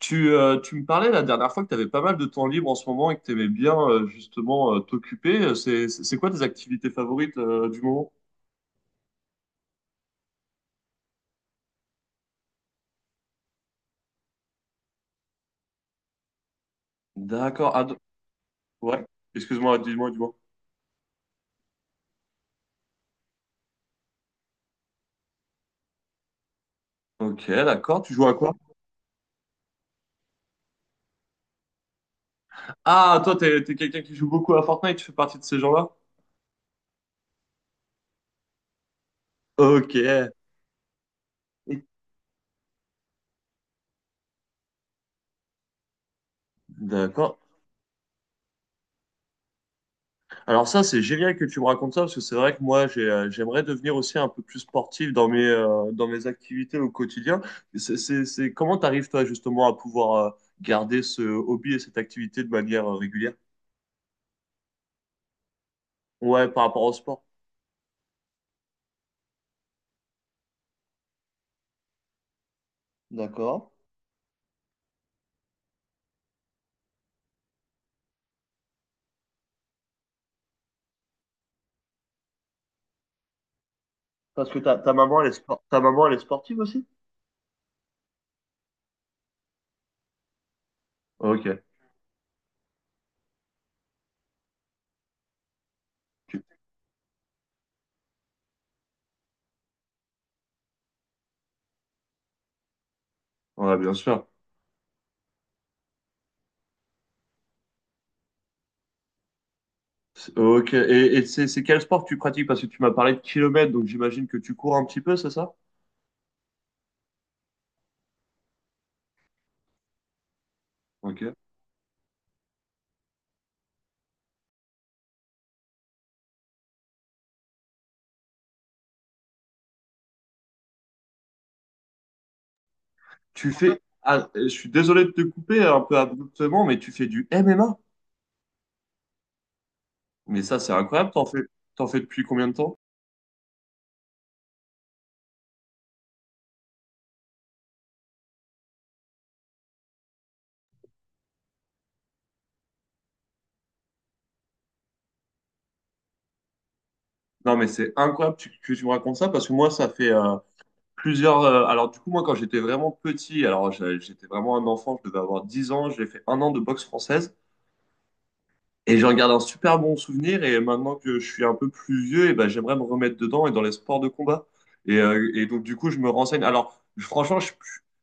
Tu me parlais la dernière fois que tu avais pas mal de temps libre en ce moment et que tu aimais bien justement t'occuper. C'est quoi tes activités favorites du moment? D'accord. Ah, ouais. Excuse-moi, dis-moi, dis-moi. Ok, d'accord. Tu joues à quoi? Ah, toi, t'es quelqu'un qui joue beaucoup à Fortnite. Tu fais partie de ces gens-là? Ok. D'accord. Alors ça, c'est génial que tu me racontes ça, parce que c'est vrai que moi, j'aimerais devenir aussi un peu plus sportif dans dans mes activités au quotidien. Comment t'arrives, toi, justement, à pouvoir garder ce hobby et cette activité de manière régulière? Ouais, par rapport au sport. D'accord. Parce que ta maman, ta maman, elle est sportive aussi? Ok, ouais, bien sûr. Ok, et c'est quel sport que tu pratiques? Parce que tu m'as parlé de kilomètres, donc j'imagine que tu cours un petit peu, c'est ça? Ok. Je suis désolé de te couper un peu abruptement, mais tu fais du MMA. Mais ça, c'est incroyable. T'en fais depuis combien de temps? Non, mais c'est incroyable que tu me racontes ça parce que moi, ça fait plusieurs. Alors, du coup, moi, quand j'étais vraiment petit, alors j'étais vraiment un enfant, je devais avoir 10 ans, j'ai fait un an de boxe française. Et j'en garde un super bon souvenir. Et maintenant que je suis un peu plus vieux, et ben, j'aimerais me remettre dedans et dans les sports de combat. Et donc, du coup, je me renseigne. Alors, franchement,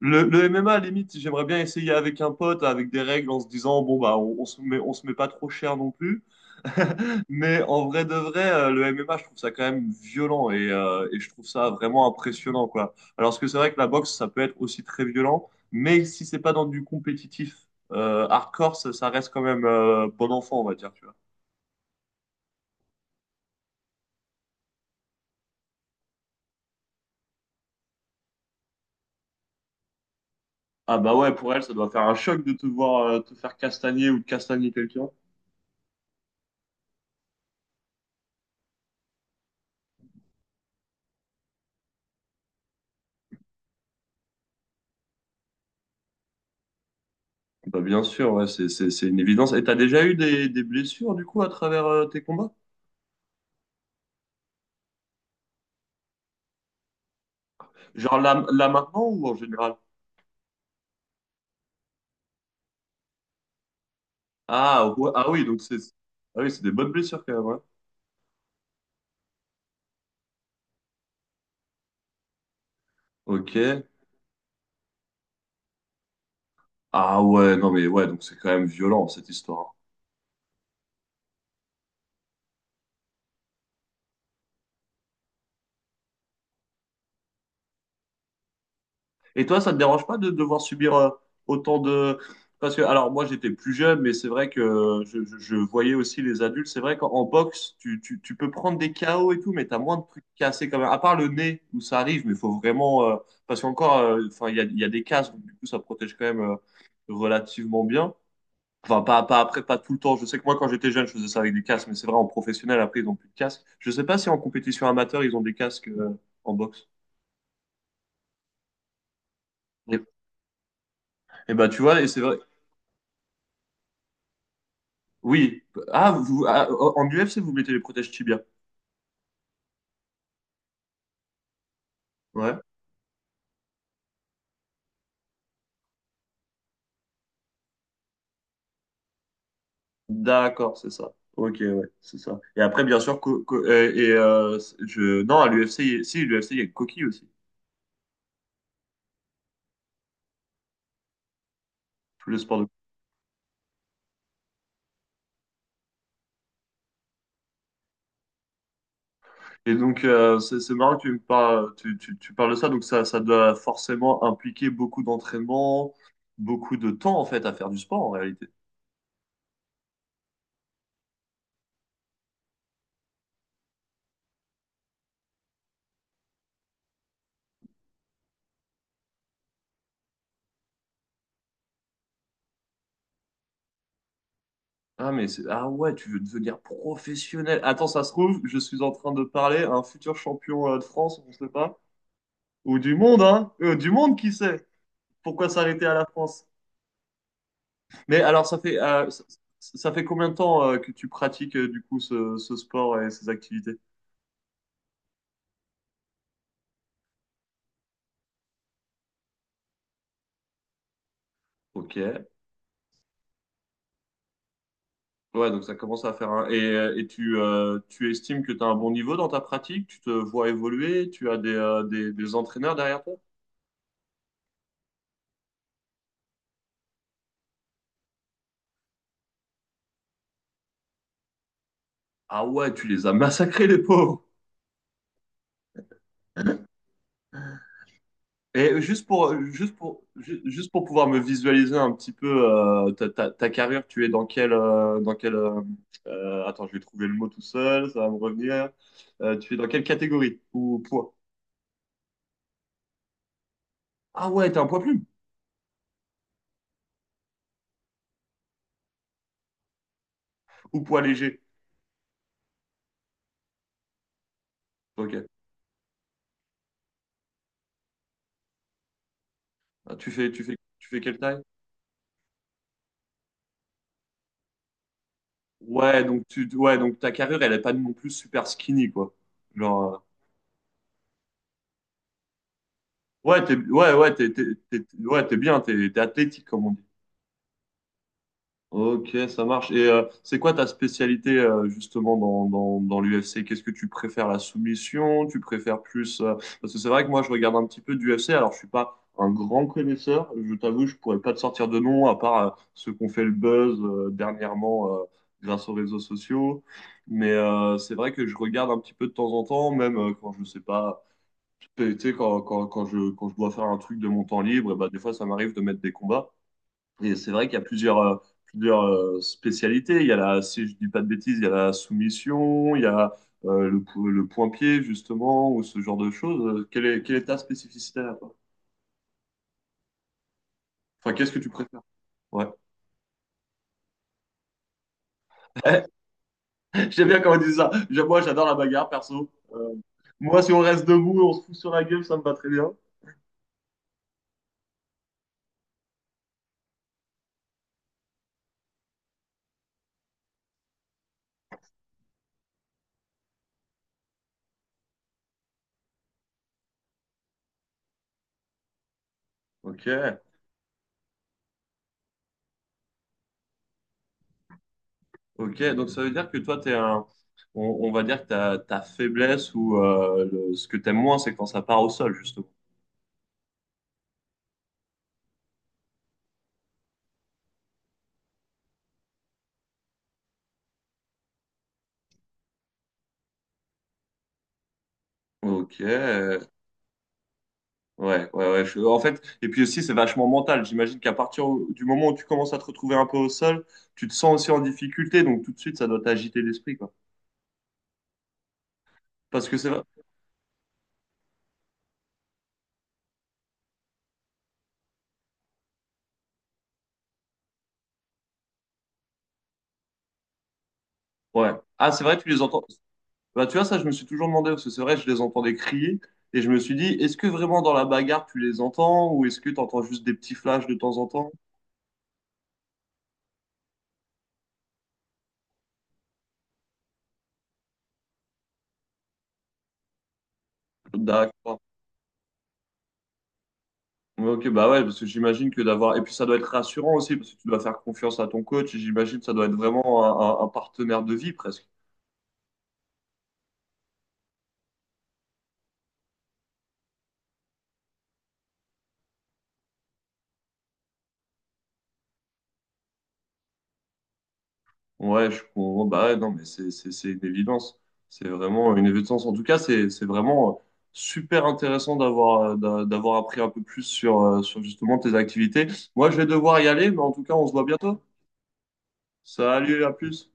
le MMA, à la limite, j'aimerais bien essayer avec un pote, avec des règles, en se disant, bon, bah, on on se met pas trop cher non plus. Mais en vrai de vrai, le MMA, je trouve ça quand même violent et je trouve ça vraiment impressionnant, quoi. Alors que c'est vrai que la boxe, ça peut être aussi très violent, mais si c'est pas dans du compétitif hardcore, ça reste quand même bon enfant, on va dire, tu vois. Ah bah ouais, pour elle, ça doit faire un choc de te voir te faire castagner ou de castagner quelqu'un. Bah bien sûr, ouais, c'est une évidence. Et t'as déjà eu des blessures, du coup, à travers tes combats? Genre là, là maintenant ou en général? Ah, ouais, ah oui, donc c'est des bonnes blessures quand même. Ouais. Ok. Ah ouais, non mais ouais, donc c'est quand même violent cette histoire, hein. Et toi, ça te dérange pas de devoir subir autant de... Parce que, alors moi j'étais plus jeune, mais c'est vrai que je voyais aussi les adultes. C'est vrai qu'en en boxe, tu peux prendre des KO et tout, mais t'as moins de trucs cassés quand même. À part le nez, où ça arrive, mais il faut vraiment... Parce qu'encore, enfin, il y a des casques, donc du coup ça protège quand même relativement bien. Enfin, pas après, pas tout le temps. Je sais que moi, quand j'étais jeune, je faisais ça avec du casque mais c'est vrai, en professionnel, après, ils n'ont plus de casque. Je sais pas si en compétition amateur, ils ont des casques en boxe. Et, et bah, tu vois, et c'est vrai. Oui. Ah, vous, ah, en UFC, vous mettez les protèges tibia. Ouais. D'accord, c'est ça. Ok, ouais, c'est ça. Et après, bien sûr, Non, à l'UFC, si, l'UFC, il y a coquille aussi. Tous les sports. Et donc, c'est marrant que tu me parles, tu parles de ça. Donc, ça doit forcément impliquer beaucoup d'entraînement, beaucoup de temps, en fait, à faire du sport, en réalité. Ah, mais c'est, ah ouais, tu veux devenir professionnel. Attends, ça se trouve, je suis en train de parler à un futur champion de France, on ne sait pas. Ou du monde, hein. Du monde, qui sait? Pourquoi s'arrêter à la France? Mais alors, ça fait combien de temps que tu pratiques, du coup, ce sport et ces activités? Ok. Ouais, donc ça commence à faire un... Et, tu estimes que tu as un bon niveau dans ta pratique? Tu te vois évoluer? Tu as des entraîneurs derrière toi? Ah ouais, tu les as massacrés, les pauvres! Et juste pour pouvoir me visualiser un petit peu ta carrière, tu es dans quel attends, je vais trouver le mot tout seul, ça va me revenir. Tu es dans quelle catégorie ou poids? Ah ouais, t'es un poids plume ou poids léger? Ok. Ah, tu fais quelle taille? Ouais, ouais, donc ta carrure, elle est pas non plus super skinny, quoi. Genre, ouais, t'es, ouais, ouais, t'es, t'es, t'es- ouais, t'es athlétique, comme on Ok, ça marche. Et c'est quoi ta spécialité justement dans l'UFC? Qu'est-ce que tu préfères, la soumission? Tu préfères plus... Parce que c'est vrai que moi, je regarde un petit peu d'UFC. Alors, je suis pas un grand connaisseur. Je t'avoue, je pourrais pas te sortir de nom, à part ceux qu'on fait le buzz dernièrement grâce aux réseaux sociaux. Mais c'est vrai que je regarde un petit peu de temps en temps, même quand je sais pas... Tu sais, quand je dois faire un truc de mon temps libre, et bah, des fois, ça m'arrive de mettre des combats. Et c'est vrai qu'il y a plusieurs spécialités. Il y a si je dis pas de bêtises, il y a la soumission, il y a le point-pied, justement, ou ce genre de choses. Quelle est ta spécificité là, toi. Enfin, qu'est-ce que tu préfères? Ouais. J'aime bien quand on dit ça. Moi, j'adore la bagarre, perso. Moi, si on reste debout, on se fout sur la gueule, ça me va très bien. Ok, ok. Donc, ça veut dire que toi, t'es un... on, on va dire que ta faiblesse ou ce que t'aimes moins, c'est quand ça part au sol, justement. Ok, ouais, ouais, ouais. En fait, et puis aussi, c'est vachement mental. J'imagine du moment où tu commences à te retrouver un peu au sol, tu te sens aussi en difficulté. Donc, tout de suite, ça doit t'agiter l'esprit, quoi. Parce que c'est vrai. Ouais. Ah, c'est vrai, tu les entends. Bah, tu vois, ça, je me suis toujours demandé, parce que c'est vrai, je les entendais crier. Et je me suis dit, est-ce que vraiment dans la bagarre, tu les entends? Ou est-ce que tu entends juste des petits flashs de temps en temps? D'accord. Ouais, Ok, bah ouais, parce que j'imagine que d'avoir. Et puis, ça doit être rassurant aussi, parce que tu dois faire confiance à ton coach. Et j'imagine que ça doit être vraiment un partenaire de vie, presque. Ouais, je comprends. Bah ouais, non, mais c'est une évidence. C'est vraiment une évidence. En tout cas, c'est vraiment super intéressant d'avoir d'avoir appris un peu plus sur justement tes activités. Moi, je vais devoir y aller, mais en tout cas, on se voit bientôt. Salut, à plus.